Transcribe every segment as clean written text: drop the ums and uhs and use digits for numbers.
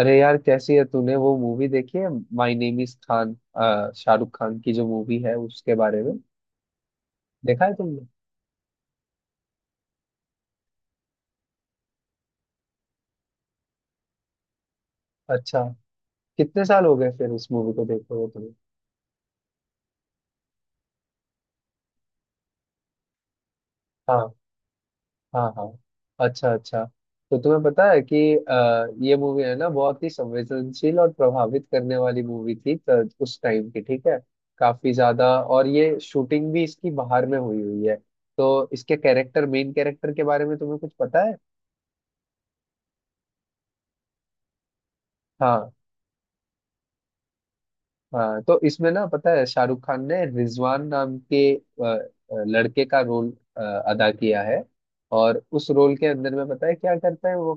अरे यार, कैसी है? तूने वो मूवी देखी है, my name is Khan, Shahrukh Khan की जो मूवी है उसके बारे में? देखा है तुमने? अच्छा। कितने साल हो गए फिर उस मूवी को देखे हुए तुम्हें? हाँ, हाँ, हाँ। अच्छा, अच्छा। तो तुम्हें पता है कि ये मूवी है ना, बहुत ही संवेदनशील और प्रभावित करने वाली मूवी थी उस टाइम की, ठीक है। काफी ज्यादा। और ये शूटिंग भी इसकी बाहर में हुई हुई है। तो इसके कैरेक्टर, मेन कैरेक्टर के बारे में तुम्हें कुछ पता है? हाँ, हाँ। तो इसमें ना, पता है, शाहरुख खान ने रिजवान नाम के लड़के का रोल अ, अदा किया है। और उस रोल के अंदर में पता है क्या करता है वो?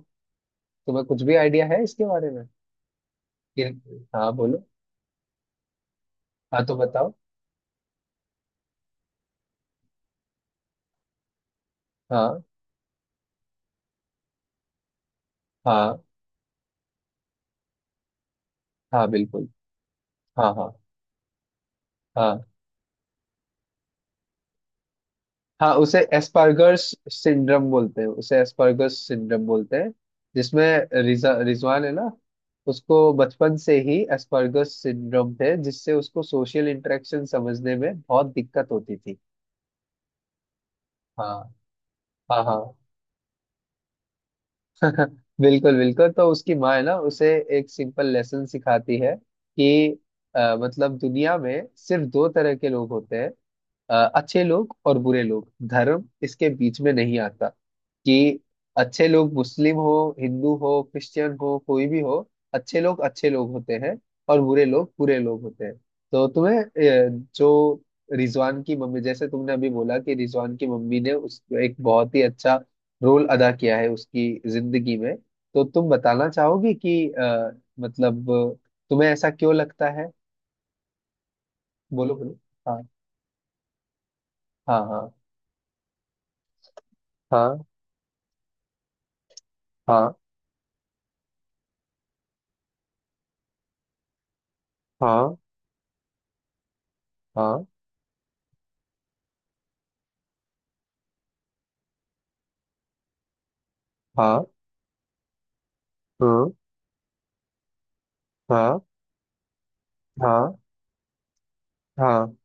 तुम्हें कुछ भी आइडिया है इसके बारे में? कि- हाँ, बोलो। हाँ, तो बताओ। हाँ, हाँ, हाँ। बिल्कुल। हाँ, हाँ, हाँ। हाँ, उसे एस्पर्गर्स सिंड्रोम बोलते हैं। उसे एस्पर्गर्स सिंड्रोम बोलते हैं, जिसमें रिजा रिजवान है ना, उसको बचपन से ही एस्पर्गस सिंड्रोम थे, जिससे उसको सोशल इंटरेक्शन समझने में बहुत दिक्कत होती थी। हाँ, हाँ। हाँ। बिल्कुल, बिल्कुल। तो उसकी माँ है ना, उसे एक सिंपल लेसन सिखाती है कि मतलब दुनिया में सिर्फ दो तरह के लोग होते हैं, अच्छे लोग और बुरे लोग। धर्म इसके बीच में नहीं आता, कि अच्छे लोग मुस्लिम हो, हिंदू हो, क्रिश्चियन हो, कोई भी हो, अच्छे लोग होते हैं और बुरे लोग होते हैं। तो तुम्हें, जो रिजवान की मम्मी, जैसे तुमने अभी बोला कि रिजवान की मम्मी ने उस एक बहुत ही अच्छा रोल अदा किया है उसकी जिंदगी में, तो तुम बताना चाहोगी कि मतलब तुम्हें ऐसा क्यों लगता है? बोलो, बोलो। हाँ, हाँ, हाँ, हाँ, हाँ, हाँ, हाँ, हाँ, हाँ, हाँ, हाँ,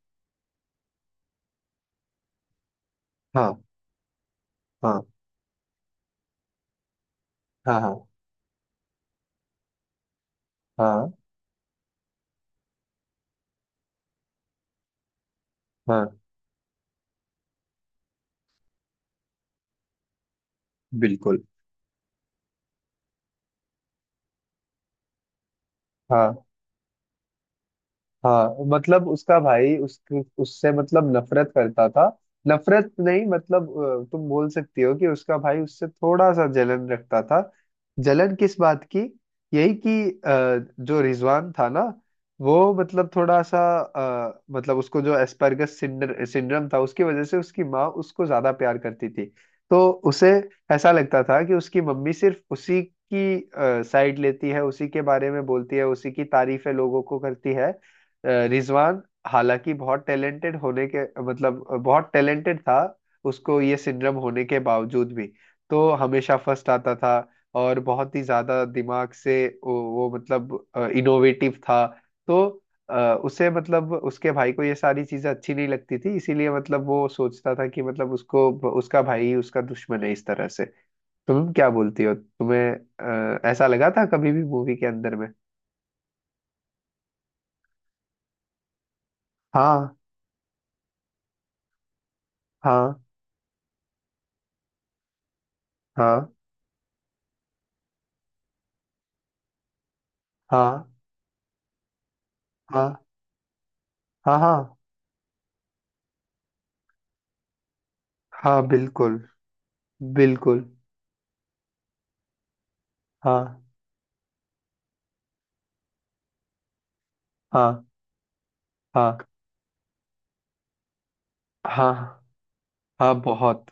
हाँ, हाँ, हाँ, हाँ, हाँ, हाँ, हाँ, बिल्कुल, हाँ, हाँ। मतलब उसका भाई उस उससे, मतलब, नफरत करता था। नफरत नहीं, मतलब, तुम बोल सकती हो कि उसका भाई उससे थोड़ा सा जलन रखता था। जलन किस बात की? यही कि जो रिजवान था ना, वो मतलब थोड़ा सा, मतलब उसको जो एस्पर्गस सिंड्रोम था उसकी वजह से, उसकी माँ उसको ज्यादा प्यार करती थी। तो उसे ऐसा लगता था कि उसकी मम्मी सिर्फ उसी की साइड लेती है, उसी के बारे में बोलती है, उसी की तारीफें लोगों को करती है। रिजवान, हालांकि बहुत टैलेंटेड होने के, मतलब बहुत टैलेंटेड था, उसको ये सिंड्रोम होने के बावजूद भी तो हमेशा फर्स्ट आता था। और बहुत ही ज्यादा दिमाग से वो, मतलब, इनोवेटिव था। तो उसे, मतलब उसके भाई को, ये सारी चीजें अच्छी नहीं लगती थी, इसीलिए मतलब वो सोचता था कि मतलब उसको उसका भाई ही उसका दुश्मन है, इस तरह से। तुम क्या बोलती हो, तुम्हें ऐसा लगा था कभी भी मूवी के अंदर में? हाँ, हाँ, हाँ, हाँ, हाँ, हाँ, हाँ, हाँ, बिल्कुल, बिल्कुल, हाँ, हाँ, हाँ, हाँ, हाँ बहुत,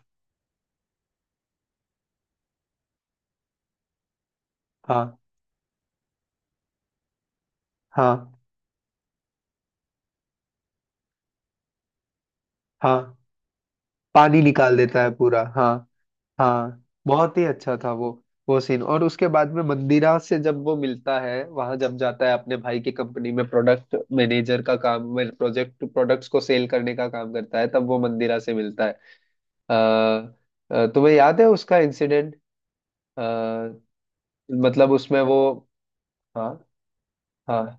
हाँ, हाँ, हाँ। पानी निकाल देता है पूरा, हाँ। हाँ, बहुत ही अच्छा था वो सीन और उसके बाद में मंदिरा से जब वो मिलता है, वहां जब जाता है अपने भाई की कंपनी में प्रोडक्ट मैनेजर का काम में, प्रोजेक्ट प्रोडक्ट्स को सेल करने का काम करता है, तब वो मंदिरा से मिलता है। अ, तुम्हें याद है उसका इंसिडेंट? मतलब उसमें वो, हाँ, हाँ,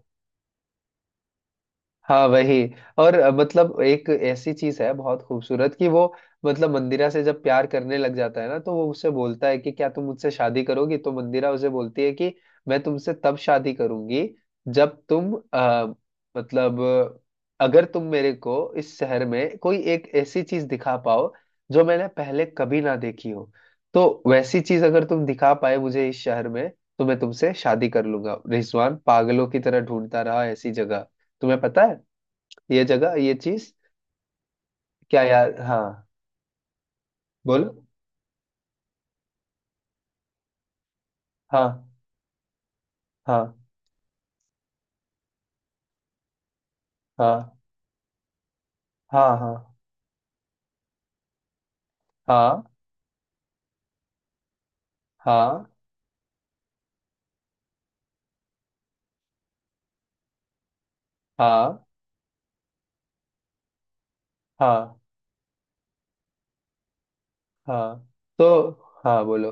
हाँ वही। और मतलब एक ऐसी चीज है बहुत खूबसूरत, कि वो मतलब मंदिरा से जब प्यार करने लग जाता है ना, तो वो उससे बोलता है कि क्या तुम मुझसे शादी करोगी? तो मंदिरा उसे बोलती है कि मैं तुमसे तब शादी करूंगी जब तुम, मतलब, अगर तुम मेरे को इस शहर में कोई एक ऐसी चीज दिखा पाओ जो मैंने पहले कभी ना देखी हो, तो वैसी चीज अगर तुम दिखा पाए मुझे इस शहर में, तो मैं तुमसे शादी कर लूंगा। रिजवान पागलों की तरह ढूंढता रहा ऐसी जगह। तुम्हें पता है ये जगह, ये चीज क्या? यार, हाँ, बोलो। हाँ, हाँ, हाँ, हाँ, हाँ, हाँ, हाँ, हाँ, हाँ, हाँ, तो हाँ, बोलो।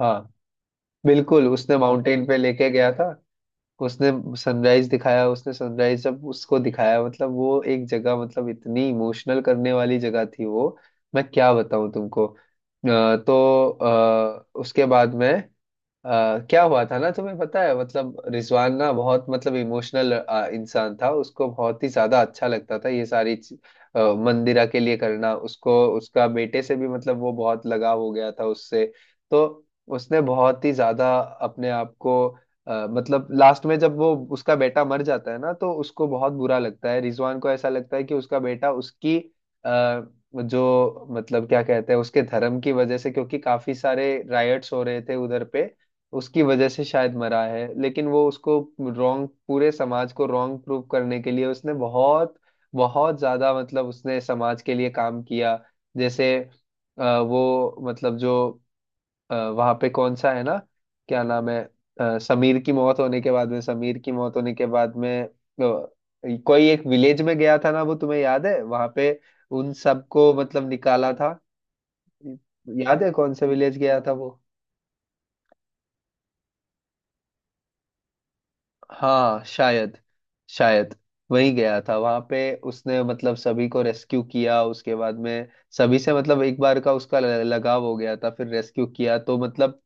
हाँ, बिल्कुल उसने माउंटेन पे लेके गया था। उसने सनराइज दिखाया। उसने सनराइज जब उसको दिखाया, मतलब वो एक जगह, मतलब इतनी इमोशनल करने वाली जगह थी वो, मैं क्या बताऊं तुमको। तो उसके बाद में, क्या हुआ था ना, तुम्हें पता है, मतलब रिजवान ना बहुत, मतलब, इमोशनल इंसान था। उसको बहुत ही ज्यादा अच्छा लगता था ये सारी मंदिरा के लिए करना। उसको उसका बेटे से भी, मतलब, वो बहुत लगाव हो गया था उससे। तो उसने बहुत ही ज्यादा अपने आप को, मतलब लास्ट में जब वो उसका बेटा मर जाता है ना, तो उसको बहुत बुरा लगता है। रिजवान को ऐसा लगता है कि उसका बेटा उसकी, आ, जो, मतलब क्या कहते हैं, उसके धर्म की वजह से, क्योंकि काफी सारे रायट्स हो रहे थे उधर पे, उसकी वजह से शायद मरा है। लेकिन वो उसको रॉन्ग, पूरे समाज को रॉन्ग प्रूव करने के लिए, उसने बहुत बहुत ज्यादा, मतलब उसने समाज के लिए काम किया। जैसे वो, मतलब जो वहां पे कौन सा है ना, क्या नाम है, समीर की मौत होने के बाद में, कोई एक विलेज में गया था ना वो, तुम्हें याद है वहां पे उन सबको, मतलब, निकाला था। याद है कौन सा विलेज गया था वो? हाँ, शायद शायद वही गया था वहां पे। उसने, मतलब, सभी को रेस्क्यू किया। उसके बाद में सभी से मतलब एक बार का उसका लगाव हो गया था, फिर रेस्क्यू किया तो मतलब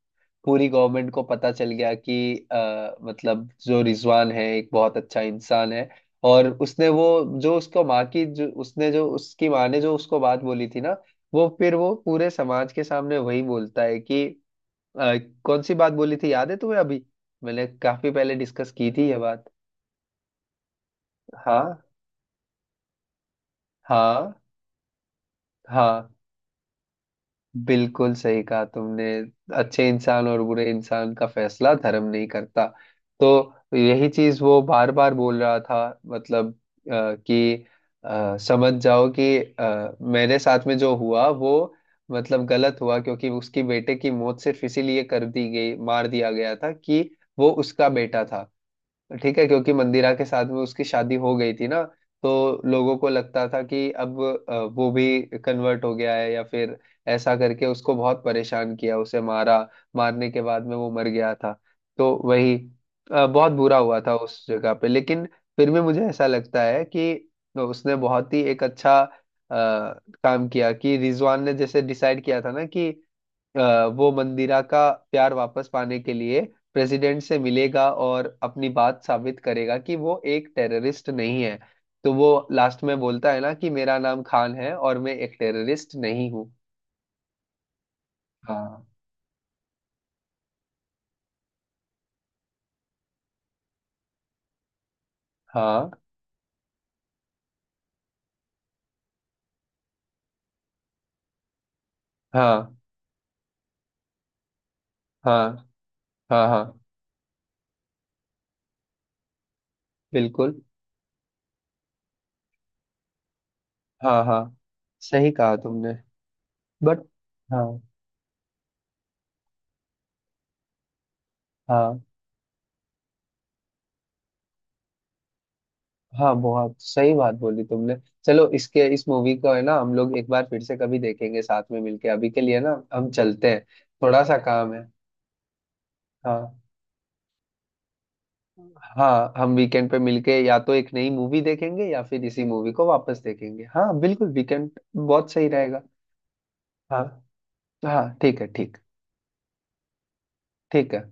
पूरी गवर्नमेंट को पता चल गया कि मतलब जो रिजवान है एक बहुत अच्छा इंसान है। और उसने वो, जो उसको माँ की, जो उसने, जो उसकी माँ ने जो उसको बात बोली थी ना, वो फिर वो पूरे समाज के सामने वही बोलता है कि अ, कौन सी बात बोली थी, याद है तुम्हें? अभी मैंने काफी पहले डिस्कस की थी ये बात। हाँ, हाँ, हाँ, बिल्कुल सही कहा तुमने। अच्छे इंसान और बुरे इंसान का फैसला धर्म नहीं करता। तो यही चीज वो बार बार बोल रहा था, मतलब कि समझ जाओ कि मेरे साथ में जो हुआ वो, मतलब, गलत हुआ, क्योंकि उसकी बेटे की मौत सिर्फ इसीलिए कर दी गई, मार दिया गया था कि वो उसका बेटा था। ठीक है, क्योंकि मंदिरा के साथ में उसकी शादी हो गई थी ना, तो लोगों को लगता था कि अब वो भी कन्वर्ट हो गया है या फिर, ऐसा करके उसको बहुत परेशान किया, उसे मारा। मारने के बाद में वो मर गया था। तो वही, बहुत बुरा हुआ था उस जगह पे, लेकिन फिर भी मुझे ऐसा लगता है कि उसने बहुत ही एक अच्छा काम किया, कि रिजवान ने जैसे डिसाइड किया था ना कि वो मंदिरा का प्यार वापस पाने के लिए प्रेसिडेंट से मिलेगा और अपनी बात साबित करेगा कि वो एक टेररिस्ट नहीं है। तो वो लास्ट में बोलता है ना कि मेरा नाम खान है और मैं एक टेररिस्ट नहीं हूँ। हाँ, हाँ, हाँ, हाँ, हाँ, हाँ, बिल्कुल, हाँ, हाँ, सही कहा तुमने। बट, हाँ, हाँ, हाँ, बहुत सही बात बोली तुमने। चलो, इसके इस मूवी को है ना, हम लोग एक बार फिर से कभी देखेंगे साथ में मिलके। अभी के लिए ना, हम चलते हैं, थोड़ा सा काम है। हाँ, हाँ, हम वीकेंड पे मिलके या तो एक नई मूवी देखेंगे या फिर इसी मूवी को वापस देखेंगे, हाँ, बिल्कुल वीकेंड बहुत सही रहेगा। हाँ, हाँ, ठीक है, ठीक। ठीक है।